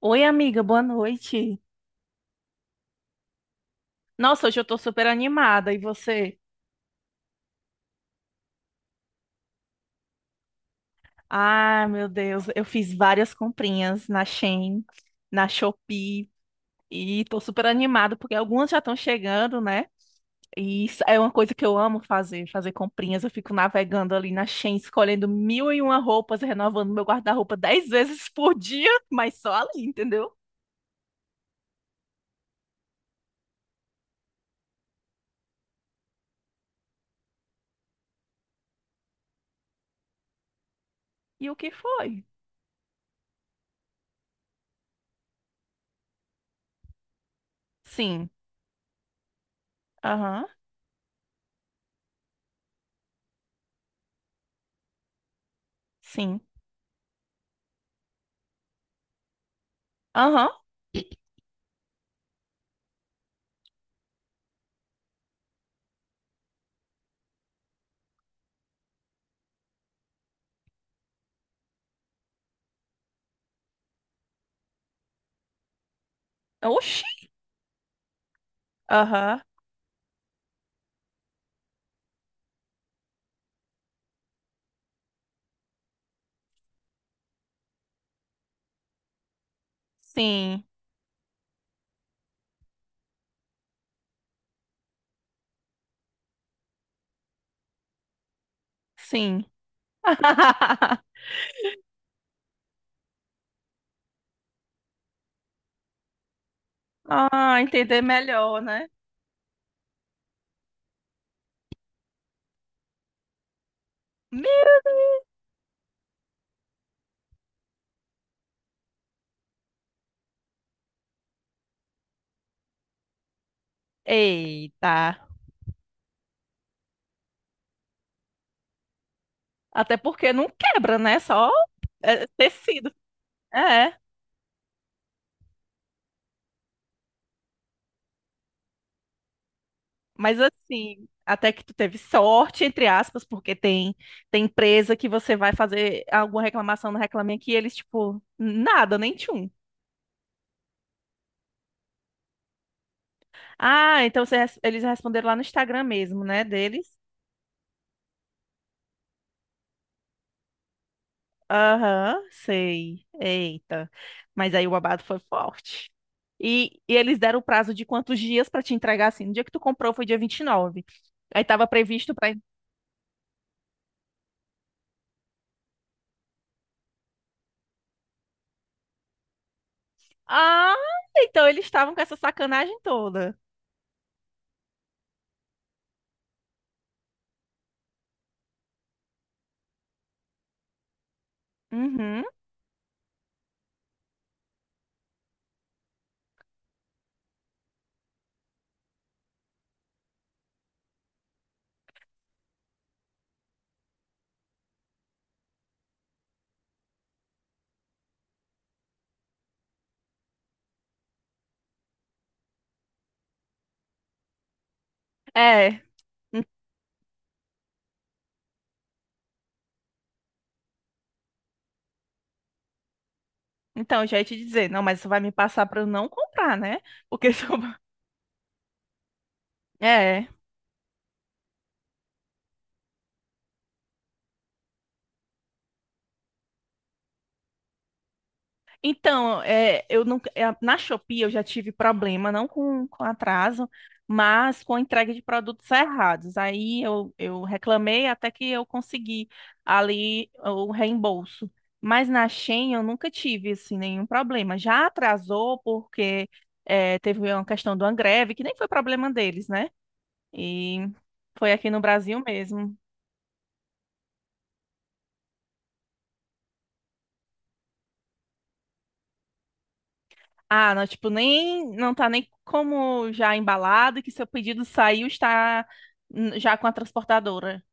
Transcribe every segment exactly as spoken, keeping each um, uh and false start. Oi, amiga, boa noite. Nossa, hoje eu tô super animada. E você? Ah, meu Deus, eu fiz várias comprinhas na Shein, na Shopee, e tô super animada porque algumas já estão chegando, né? E isso é uma coisa que eu amo fazer, fazer comprinhas. Eu fico navegando ali na Shein, escolhendo mil e uma roupas, renovando meu guarda-roupa dez vezes por dia, mas só ali, entendeu? E o que foi? Sim, aham, sim, aham, oxi, aham, sim, sim. Ah, entender melhor, né? Me- Eita. Até porque não quebra, né? Só é, tecido. É. Mas assim, até que tu teve sorte, entre aspas, porque tem, tem empresa que você vai fazer alguma reclamação no Reclame Aqui, e eles, tipo, nada, nem tchum. Ah, então você, res- eles responderam lá no Instagram mesmo, né, deles. Aham, sei. Eita. Mas aí o babado foi forte. E, e eles deram o prazo de quantos dias pra te entregar assim? No dia que tu comprou foi dia vinte e nove. Aí tava previsto pra. Ah, então eles estavam com essa sacanagem toda. Uhum. É. en- Então, eu já ia te dizer, não, mas isso vai me passar pra eu não comprar, né? Porque se eu... É. Então, é, eu não, é, na Shopee eu já tive problema, não com, com atraso, mas com a entrega de produtos errados. Aí eu, eu reclamei até que eu consegui ali o reembolso. Mas na Shein eu nunca tive assim, nenhum problema. Já atrasou porque é, teve uma questão de uma greve, que nem foi problema deles, né? E foi aqui no Brasil mesmo. Ah, não, tipo, nem não tá nem como já embalado que seu pedido saiu está hum, já com a transportadora.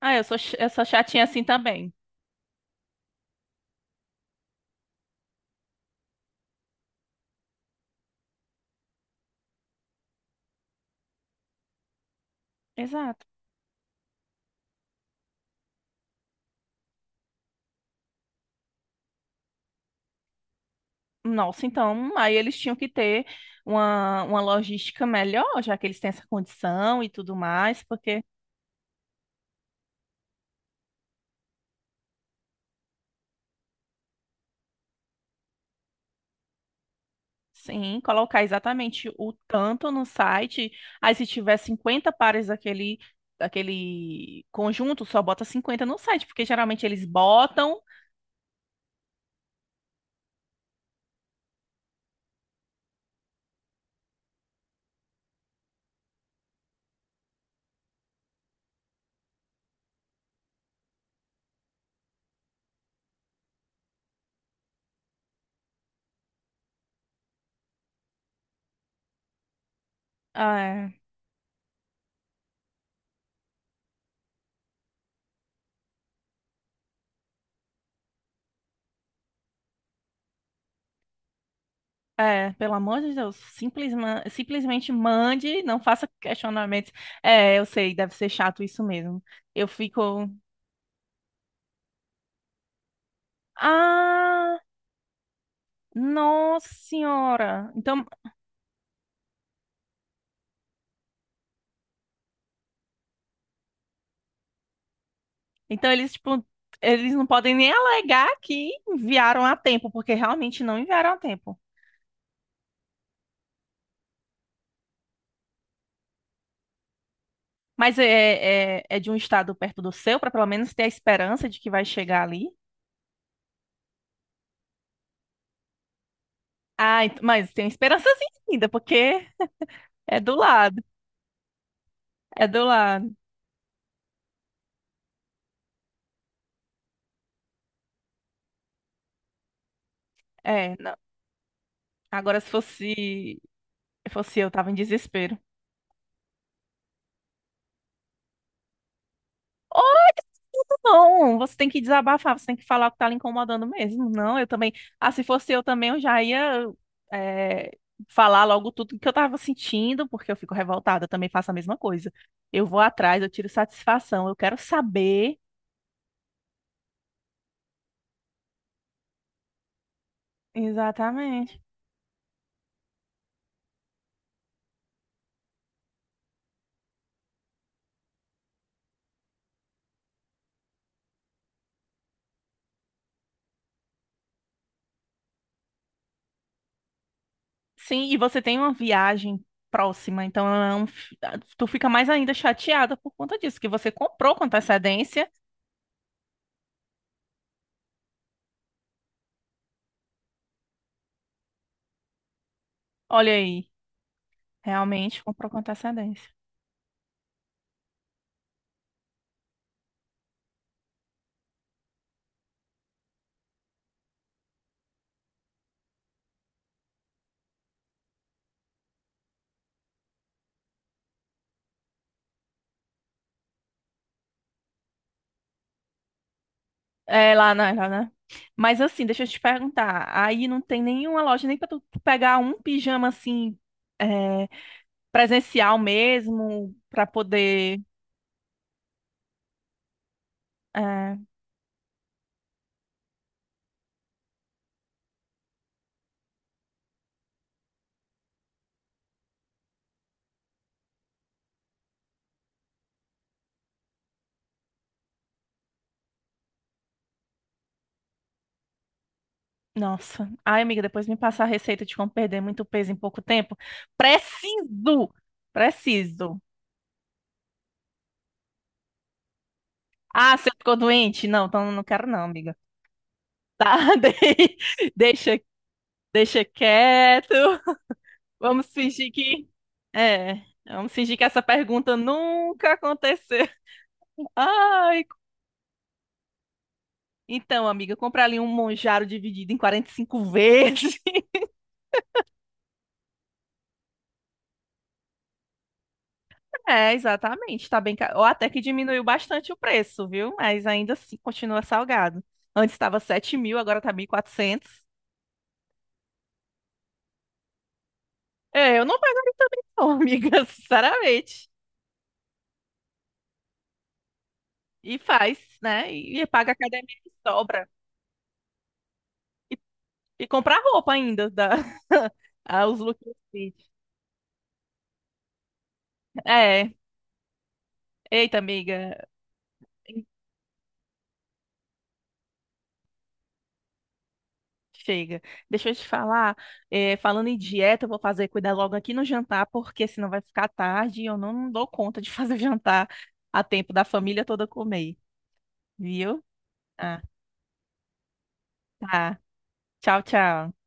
Ah, eu sou ch- eu sou chatinha assim também. Exato. Nossa, então, aí eles tinham que ter uma, uma logística melhor, já que eles têm essa condição e tudo mais, porque sim, colocar exatamente o tanto no site, aí se tiver cinquenta pares daquele daquele conjunto, só bota cinquenta no site, porque geralmente eles botam. É, pelo amor de Deus, simplesma- simplesmente mande, não faça questionamentos. É, eu sei, deve ser chato isso mesmo. Eu fico, ah, nossa senhora. Então, então eles tipo, eles não podem nem alegar que enviaram a tempo, porque realmente não enviaram a tempo. Mas é, é, é de um estado perto do seu, para pelo menos ter a esperança de que vai chegar ali. Ah, ent- mas tem esperançazinha ainda, porque é do lado, é do lado. É, não. Agora, se fosse. Se fosse eu, tava em desespero. Ou não, você tem que desabafar, você tem que falar o que tá lhe incomodando mesmo. Não, eu também. Ah, se fosse eu também, eu já ia é, falar logo tudo que eu tava sentindo, porque eu fico revoltada, eu também faço a mesma coisa. Eu vou atrás, eu tiro satisfação, eu quero saber. Exatamente. Sim, e você tem uma viagem próxima, então é um f- tu fica mais ainda chateada por conta disso, que você comprou com antecedência. Olha aí, realmente comprou com antecedência. É, lá na, lá na- mas assim, deixa eu te perguntar. Aí não tem nenhuma loja nem pra tu pegar um pijama assim, é, presencial mesmo, pra poder. é, Nossa. Ai, amiga, depois me passa a receita de como perder muito peso em pouco tempo. Preciso! Preciso. Ah, você ficou doente? Não, então não quero não, amiga. Tá, de- deixa, deixa quieto. Vamos fingir que. É, vamos fingir que essa pergunta nunca aconteceu. Ai, então, amiga, comprar ali um Monjaro dividido em quarenta e cinco vezes. É, exatamente, tá bem caro. Ou até que diminuiu bastante o preço, viu? Mas ainda assim continua salgado. Antes estava sete mil, agora tá mil e quatrocentos. É, eu não pagaria também não, amiga, sinceramente. E faz, né? E, e paga a academia que sobra. E comprar roupa ainda, da... ah, os looks. Fit. É, eita, amiga. Chega. Deixa eu te falar, eh, falando em dieta, eu vou fazer cuidar logo aqui no jantar, porque senão vai ficar tarde e eu não dou conta de fazer jantar a tempo da família toda comer, viu? Ah, tá. Tchau, tchau.